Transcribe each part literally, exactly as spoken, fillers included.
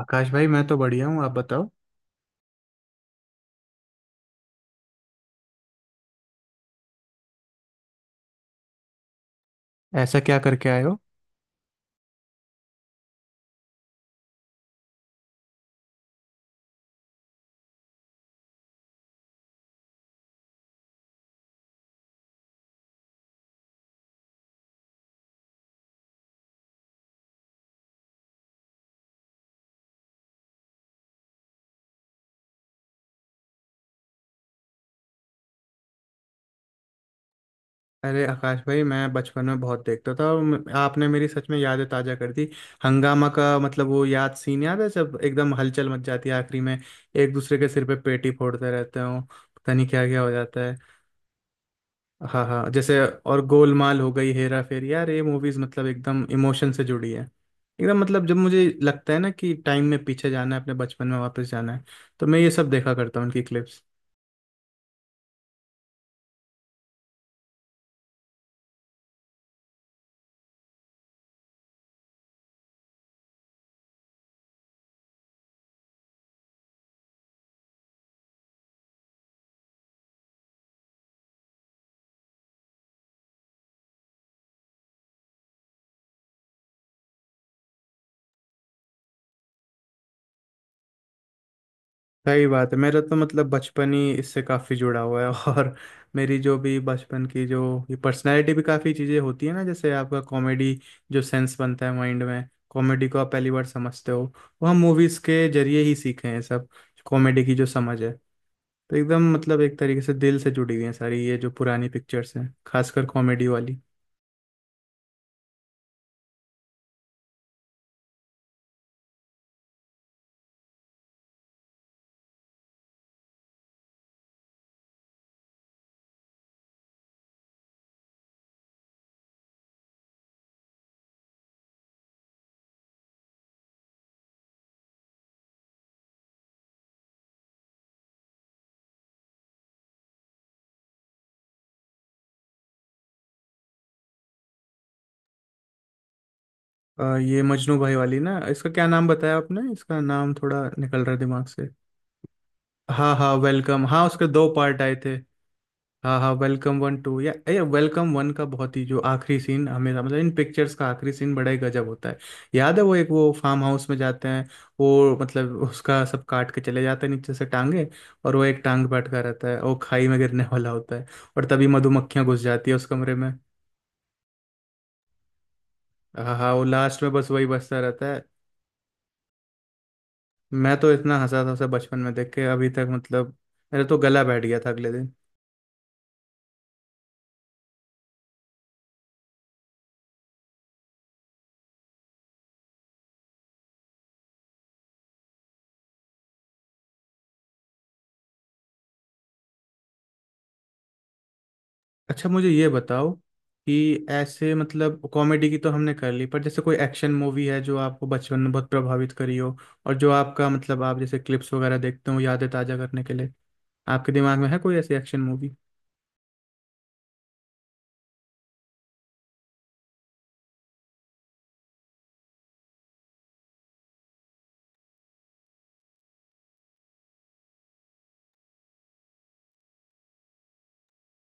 आकाश भाई, मैं तो बढ़िया हूँ। आप बताओ, ऐसा क्या करके आए हो? अरे आकाश भाई, मैं बचपन में बहुत देखता था और म- आपने मेरी सच में यादें ताजा कर दी। हंगामा का मतलब, वो याद, सीन याद है जब एकदम हलचल मच जाती है आखिरी में। एक दूसरे के सिर पे पेटी फोड़ते रहते हो, पता नहीं क्या क्या हो जाता है। हाँ हाँ, जैसे। और गोलमाल हो गई, हेरा फेरी, यार ये मूवीज मतलब एकदम इमोशन से जुड़ी है। एकदम मतलब जब मुझे लगता है ना कि टाइम में पीछे जाना है, अपने बचपन में वापस जाना है, तो मैं ये सब देखा करता हूँ, उनकी क्लिप्स। सही बात है। मेरा तो मतलब बचपन ही इससे काफ़ी जुड़ा हुआ है और मेरी जो भी बचपन की जो ये पर्सनैलिटी भी काफ़ी चीज़ें होती है ना, जैसे आपका कॉमेडी जो सेंस बनता है माइंड में, कॉमेडी को आप पहली बार समझते हो, वो हम मूवीज़ के जरिए ही सीखे हैं सब। कॉमेडी की जो समझ है, तो एकदम मतलब एक तरीके से दिल से जुड़ी हुई हैं सारी ये जो पुरानी पिक्चर्स हैं, खासकर कॉमेडी वाली। अ, ये मजनू भाई वाली ना, इसका क्या नाम बताया आपने? इसका नाम थोड़ा निकल रहा है दिमाग से। हाँ हाँ वेलकम, हाँ उसके दो पार्ट आए थे। हाँ हाँ, वेलकम वन टू या या वेलकम वन का बहुत ही जो आखिरी सीन हमेशा, मतलब इन पिक्चर्स का आखिरी सीन बड़ा ही गजब होता है। याद है, वो एक, वो फार्म हाउस में जाते हैं। वो मतलब उसका सब काट के चले जाते हैं नीचे से टांगे, और वो एक टांग पे अटका रहता है, वो खाई में गिरने वाला होता है। और तभी मधुमक्खियां घुस जाती है उस कमरे में। हाँ हाँ, वो लास्ट में बस वही बचता रहता है। मैं तो इतना हंसा था उसे बचपन में देख के, अभी तक मतलब मेरा तो गला बैठ गया था अगले दिन। अच्छा, मुझे ये बताओ कि ऐसे मतलब कॉमेडी की तो हमने कर ली, पर जैसे कोई एक्शन मूवी है जो आपको बचपन में बहुत प्रभावित करी हो, और जो आपका मतलब, आप जैसे क्लिप्स वगैरह देखते हो यादें ताजा करने के लिए, आपके दिमाग में है कोई ऐसी एक्शन मूवी?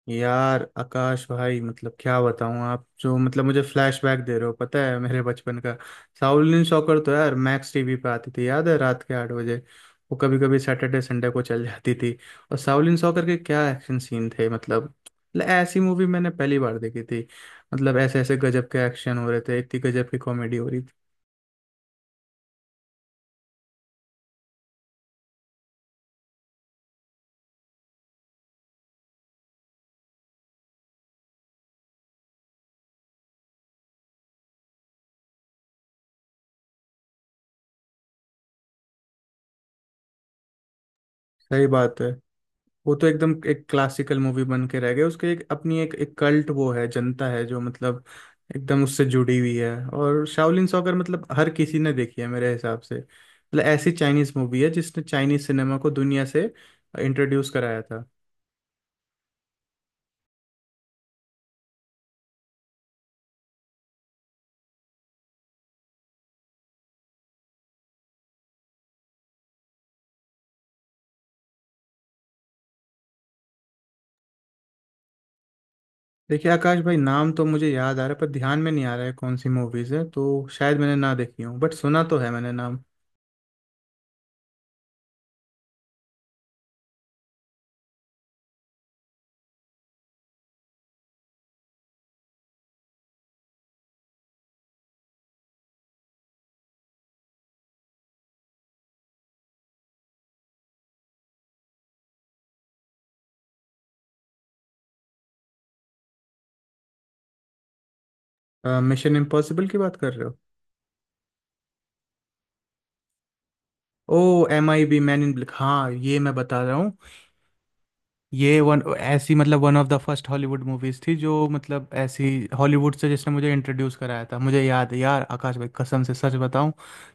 यार आकाश भाई मतलब क्या बताऊं, आप जो मतलब मुझे फ्लैशबैक दे रहे हो, पता है, मेरे बचपन का। शाओलिन सॉकर तो यार मैक्स टीवी पे आती थी, याद है, रात के आठ बजे। वो कभी कभी सैटरडे संडे को चल जाती थी। और शाओलिन सॉकर के क्या एक्शन सीन थे! मतलब मतलब ऐसी मूवी मैंने पहली बार देखी थी। मतलब ऐसे ऐसे गजब के एक्शन हो रहे थे, इतनी गजब की कॉमेडी हो रही थी। सही बात है। वो तो एकदम एक क्लासिकल मूवी बन के रह गए, उसके एक अपनी एक एक कल्ट वो है जनता है जो मतलब एकदम उससे जुड़ी हुई है। और शाओलिन सॉकर मतलब हर किसी ने देखी है मेरे हिसाब से, मतलब ऐसी चाइनीज मूवी है जिसने चाइनीज सिनेमा को दुनिया से इंट्रोड्यूस कराया था। देखिए आकाश भाई, नाम तो मुझे याद आ रहा है पर ध्यान में नहीं आ रहा है कौन सी मूवीज है, तो शायद मैंने ना देखी हूँ, बट सुना तो है मैंने नाम। मिशन इम्पॉसिबल की बात कर रहे हो? ओ, M I B, Men in Black, हाँ ये मैं बता रहा हूँ। ये वन ऐसी मतलब one of the first Hollywood movies थी जो मतलब ऐसी हॉलीवुड से, जिसने मुझे इंट्रोड्यूस कराया था। मुझे याद है यार आकाश भाई, कसम से सच बताऊं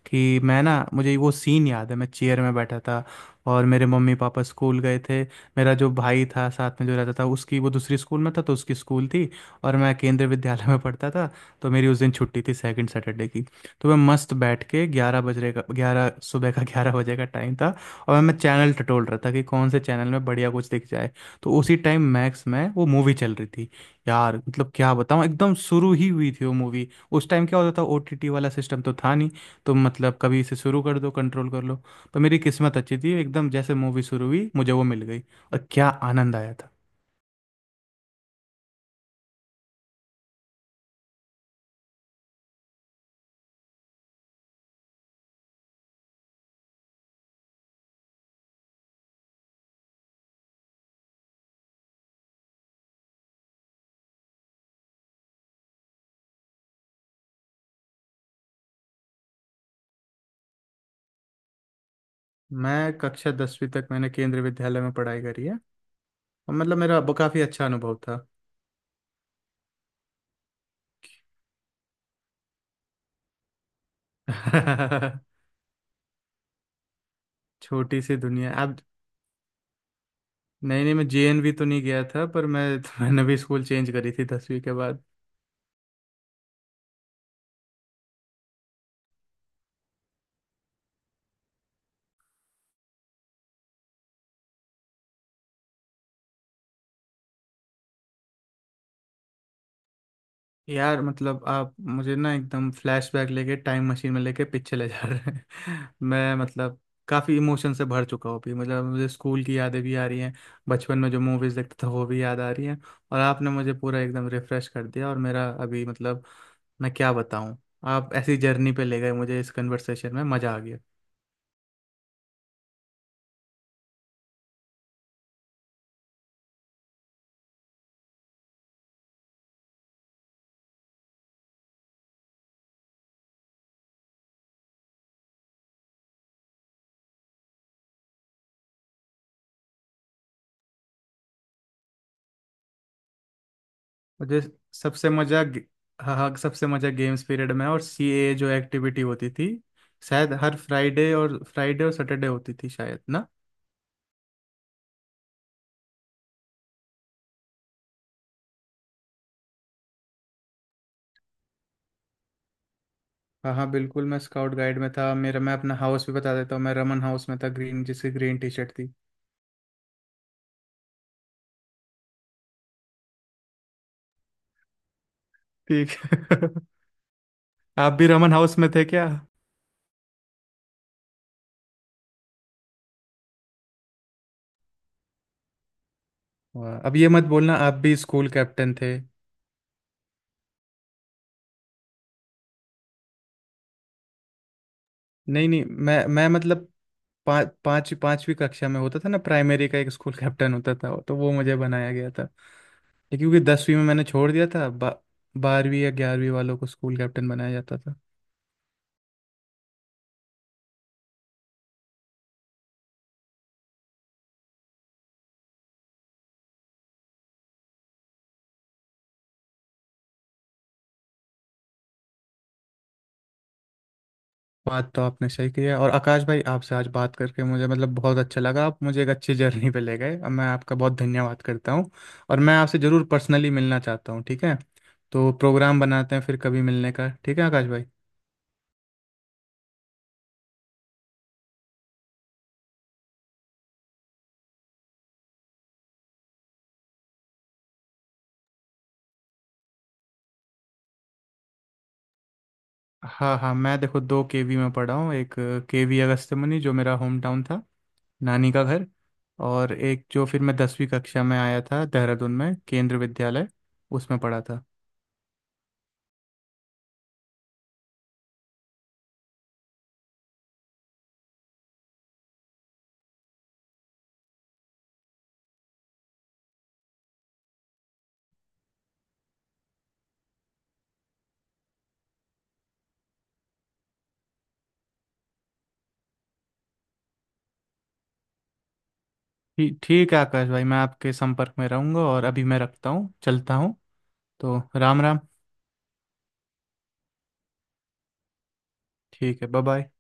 कि मैं ना मुझे वो सीन याद है। मैं चेयर में बैठा था और मेरे मम्मी पापा स्कूल गए थे। मेरा जो भाई था साथ में जो रहता था, उसकी वो दूसरी स्कूल में था तो उसकी स्कूल थी। और मैं केंद्रीय विद्यालय में पढ़ता था। तो मेरी उस दिन छुट्टी थी सेकंड सैटरडे की। तो मैं मस्त बैठ के, ग्यारह बजे का ग्यारह सुबह का ग्यारह बजे का टाइम था। और मैं चैनल टटोल रहा था कि कौन से चैनल में बढ़िया कुछ दिख जाए। तो उसी टाइम मैक्स में वो मूवी चल रही थी। यार मतलब क्या बताऊँ, एकदम शुरू ही हुई थी वो मूवी। उस टाइम क्या होता था, ओ टी टी वाला सिस्टम तो था नहीं, तो मतलब कभी इसे शुरू कर दो, कंट्रोल कर लो। तो मेरी किस्मत अच्छी थी, एकदम जैसे मूवी शुरू हुई मुझे वो मिल गई। और क्या आनंद आया था। मैं कक्षा दसवीं तक मैंने केंद्रीय विद्यालय में पढ़ाई करी है। और मतलब मेरा अब काफ़ी अच्छा अनुभव था छोटी सी दुनिया अब। नहीं नहीं, मैं जे एन वी तो नहीं गया था, पर मैं मैंने भी स्कूल चेंज करी थी दसवीं के बाद। यार मतलब आप मुझे ना एकदम फ्लैशबैक लेके, टाइम मशीन में लेके पीछे ले जा रहे हैं मैं मतलब काफ़ी इमोशन से भर चुका हूँ अभी, मतलब मुझे स्कूल की यादें भी आ रही हैं, बचपन में जो मूवीज़ देखता था वो भी याद आ रही हैं। और आपने मुझे पूरा एकदम रिफ़्रेश कर दिया। और मेरा अभी मतलब मैं क्या बताऊँ, आप ऐसी जर्नी पे ले गए मुझे, इस कन्वर्सेशन में मज़ा आ गया। मुझे सबसे मज़ा गे- हाँ हाँ, सबसे मज़ा गेम्स पीरियड में। और सी ए जो एक्टिविटी होती थी, शायद हर फ्राइडे और फ्राइडे और सैटरडे होती थी शायद ना। हाँ हाँ बिल्कुल, मैं स्काउट गाइड में था। मेरा मैं अपना हाउस भी बता देता हूँ, मैं रमन हाउस में था, ग्रीन, जिसकी ग्रीन टी शर्ट थी। ठीक है आप भी रमन हाउस में थे क्या? वाह, अब ये मत बोलना आप भी स्कूल कैप्टन थे। नहीं नहीं, मैं मैं मतलब पा, पाँच पांचवी कक्षा में होता था ना, प्राइमरी का एक स्कूल कैप्टन होता था, तो वो मुझे बनाया गया था। लेकिन क्योंकि दसवीं में मैंने छोड़ दिया था, बा, बारहवीं या ग्यारहवीं वालों को स्कूल कैप्टन बनाया जाता था। बात तो आपने सही की है। और आकाश भाई, आपसे आज बात करके मुझे मतलब बहुत अच्छा लगा। आप मुझे एक अच्छी जर्नी पे ले गए, और मैं आपका बहुत धन्यवाद करता हूँ। और मैं आपसे ज़रूर पर्सनली मिलना चाहता हूँ, ठीक है? तो प्रोग्राम बनाते हैं फिर कभी मिलने का, ठीक है आकाश भाई? हाँ हाँ, मैं देखो दो के वी में पढ़ा हूँ। एक के वी अगस्त्यमुनि, जो मेरा होम टाउन था, नानी का घर। और एक जो फिर मैं दसवीं कक्षा में आया था, देहरादून में केंद्र विद्यालय, उसमें पढ़ा था। ठीक ठीक है आकाश भाई, मैं आपके संपर्क में रहूंगा, और अभी मैं रखता हूँ, चलता हूँ। तो राम राम। ठीक है, बाय बाय।